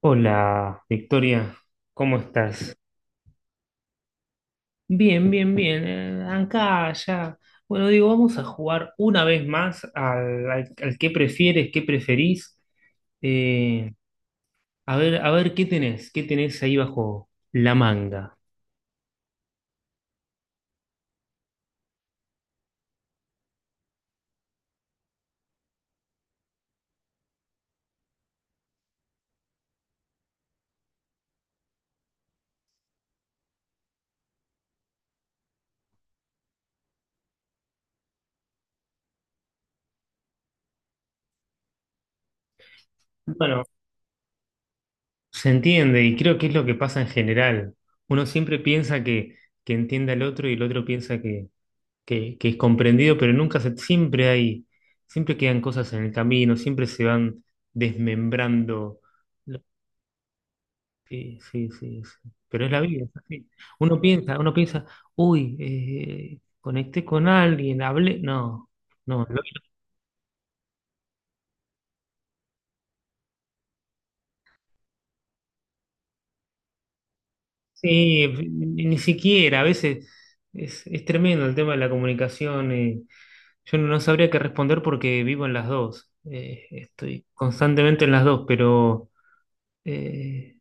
Hola, Victoria, ¿cómo estás? Bien, bien, bien. Acá, allá. Bueno, digo, vamos a jugar una vez más al qué prefieres, qué preferís. Eh, a ver, a ver, ¿qué tenés? ¿Qué tenés ahí bajo la manga? Bueno, se entiende y creo que es lo que pasa en general. Uno siempre piensa que entiende al otro y el otro piensa que es comprendido, pero nunca se, siempre hay, siempre quedan cosas en el camino, siempre se van desmembrando. Lo- Sí, sí, sí, sí. Pero es la vida, es así. Uno piensa, uy, conecté con alguien, hablé. No, no, sí, ni, ni siquiera, a veces es tremendo el tema de la comunicación. Yo no sabría qué responder porque vivo en las dos. Estoy constantemente en las dos, pero eh,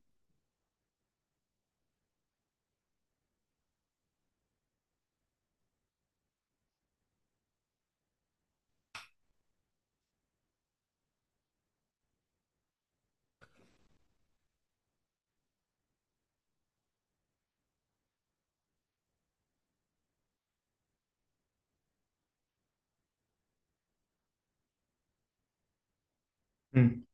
mm,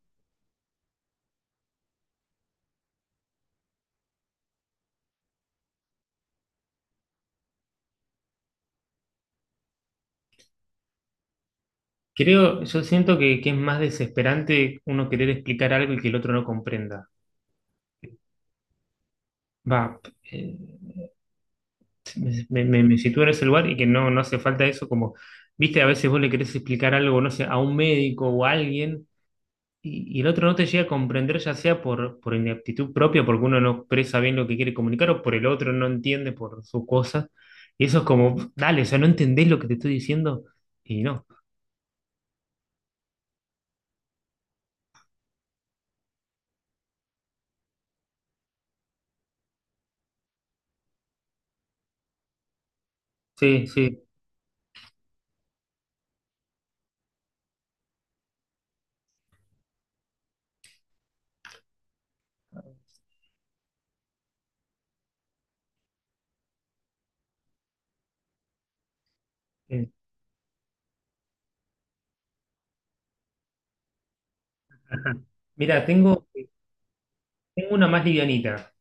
creo, yo siento que es más desesperante uno querer explicar algo y que el otro no comprenda. Va, eh, me sitúo en ese lugar y que no, no hace falta eso, como, viste, a veces vos le querés explicar algo, no sé, a un médico o a alguien y el otro no te llega a comprender, ya sea por ineptitud propia, porque uno no expresa bien lo que quiere comunicar o por el otro no entiende por su cosa. Y eso es como, dale, o sea, no entendés lo que te estoy diciendo y no. Sí, sí. Eh, ajá. Mira, tengo, tengo una más livianita.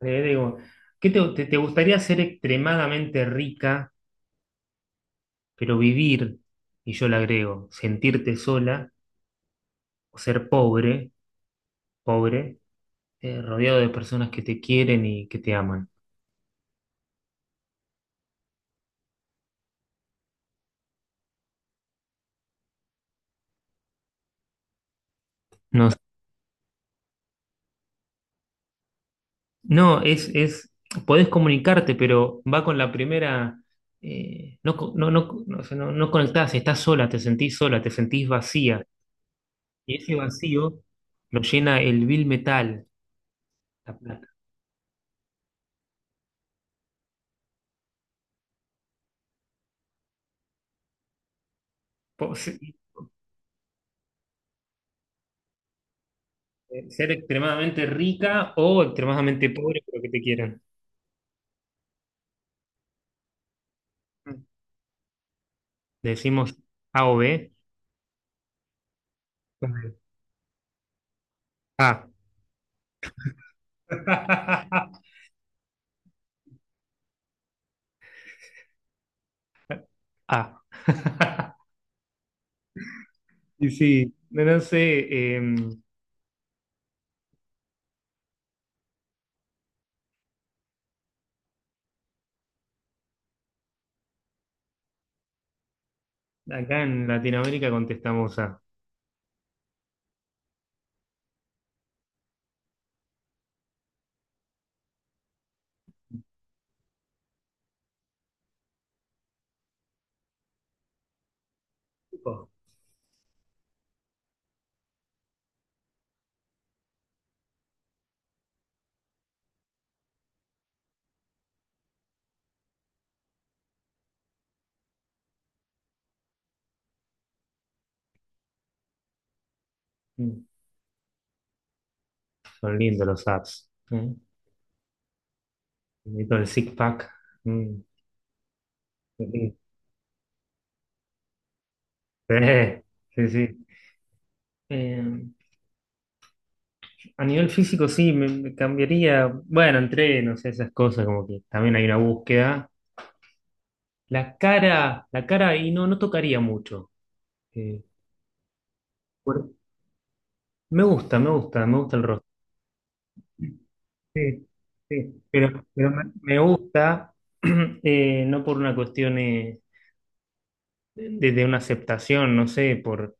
Digo, ¿qué te, te gustaría ser extremadamente rica, pero vivir, y yo le agrego, sentirte sola, o ser pobre, pobre, rodeado de personas que te quieren y que te aman? No, no, es, podés comunicarte, pero va con la primera, no, no, no, no, o sea, no conectás, estás sola, te sentís vacía, y ese vacío lo llena el vil metal, la plata. Ser extremadamente rica o extremadamente pobre, pero que te quieran. Decimos A o B. A. A. Y sí, no sé, eh, acá en Latinoamérica contestamos A. Oh, mm, son lindos los apps. ¿Eh? Y todo el six pack. Mm, qué lindo. Sí, sí. Sí. Eh, a nivel físico sí, me cambiaría, bueno, entrenos, esas cosas, como que también hay una búsqueda. La cara ahí no, no tocaría mucho. Eh, por- Me gusta, me gusta, me gusta el rostro. Sí, sí, pero me gusta, no por una cuestión de una aceptación, no sé,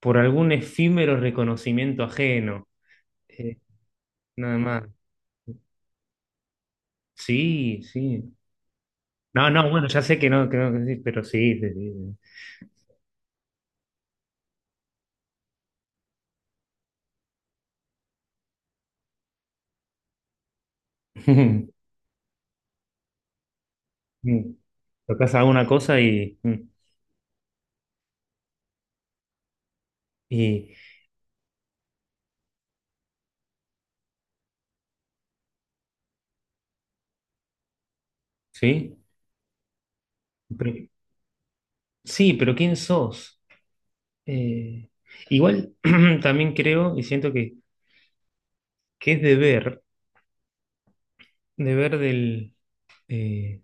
por algún efímero reconocimiento ajeno. eh, Nada más. Sí, sí. No, no, bueno, ya sé que no, que no, que sí, pero sí, sí, sí. Mm. Mm. Tocas alguna cosa y, y sí. Pero- sí, pero ¿quién sos? Eh, Igual también creo y siento que es deber, deber del... eh,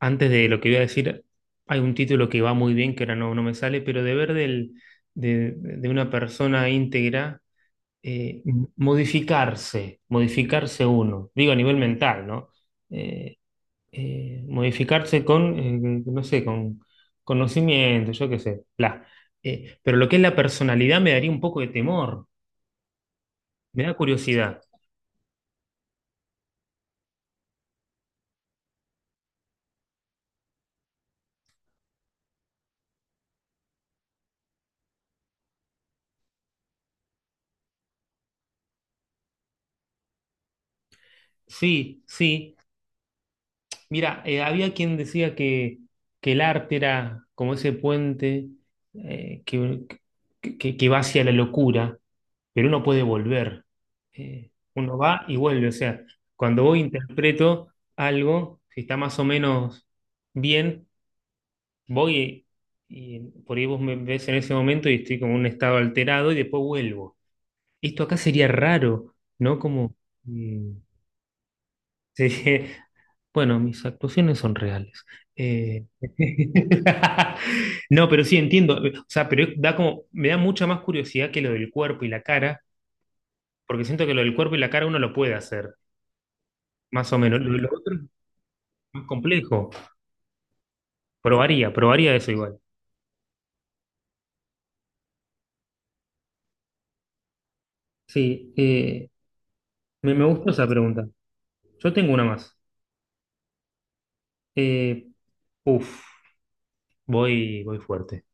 antes de lo que voy a decir, hay un título que va muy bien, que ahora no, no me sale, pero deber del, de una persona íntegra, eh, modificarse, modificarse uno, digo a nivel mental, ¿no? Eh, Modificarse con, no sé, con conocimiento, yo qué sé, bla. Pero lo que es la personalidad me daría un poco de temor, me da curiosidad. Sí, sí. Mira, había quien decía que el arte era como ese puente que, que va hacia la locura, pero uno puede volver. Uno va y vuelve. O sea, cuando voy interpreto algo, si está más o menos bien, voy y por ahí vos me ves en ese momento y estoy como en un estado alterado y después vuelvo. Esto acá sería raro, ¿no? Como... mm, sí, bueno, mis actuaciones son reales. Eh, No, pero sí entiendo. O sea, pero da como, me da mucha más curiosidad que lo del cuerpo y la cara, porque siento que lo del cuerpo y la cara uno lo puede hacer, más o menos. Lo otro es más complejo. Probaría, probaría eso igual. Sí, me, me gustó esa pregunta. Yo tengo una más. Eh, Uf, voy, voy fuerte.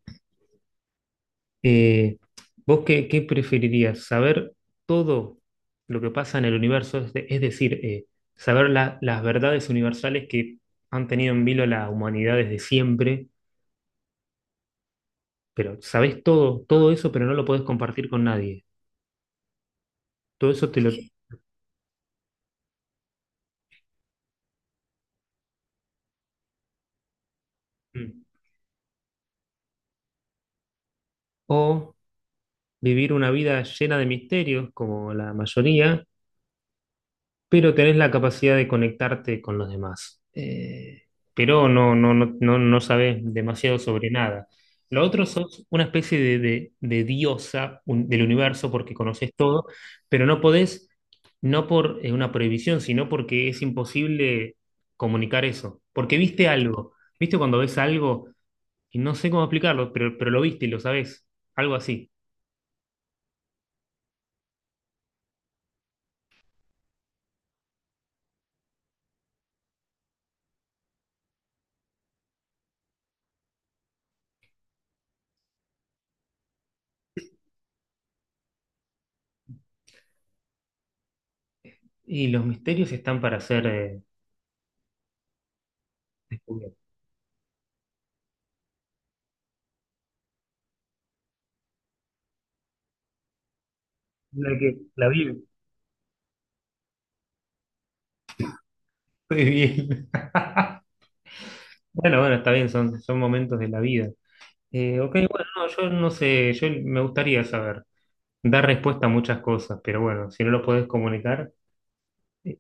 Eh, ¿Vos qué, qué preferirías? ¿Saber todo lo que pasa en el universo? Es, es decir, saber las verdades universales que han tenido en vilo la humanidad desde siempre, pero sabés todo, todo eso, pero no lo podés compartir con nadie. Todo eso te lo... Mm. O vivir una vida llena de misterios, como la mayoría, pero tenés la capacidad de conectarte con los demás. Pero no, no, no, no, no sabes demasiado sobre nada. Lo otro sos una especie de, de diosa del universo porque conoces todo, pero no podés, no por una prohibición, sino porque es imposible comunicar eso. Porque viste algo, viste cuando ves algo y no sé cómo explicarlo, pero lo viste y lo sabés, algo así. Y los misterios están para ser descubiertos. La que la vive. Muy bien. Bueno, bueno, está bien, son, son momentos de la vida. Ok, bueno, no, yo no sé, yo me gustaría saber, dar respuesta a muchas cosas, pero bueno, si no lo podés comunicar, eh,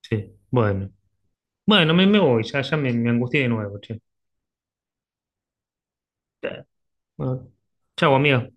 sí, bueno. Bueno, me voy, ya, me angustié de nuevo, che. Eh, Bueno, chau, amiga.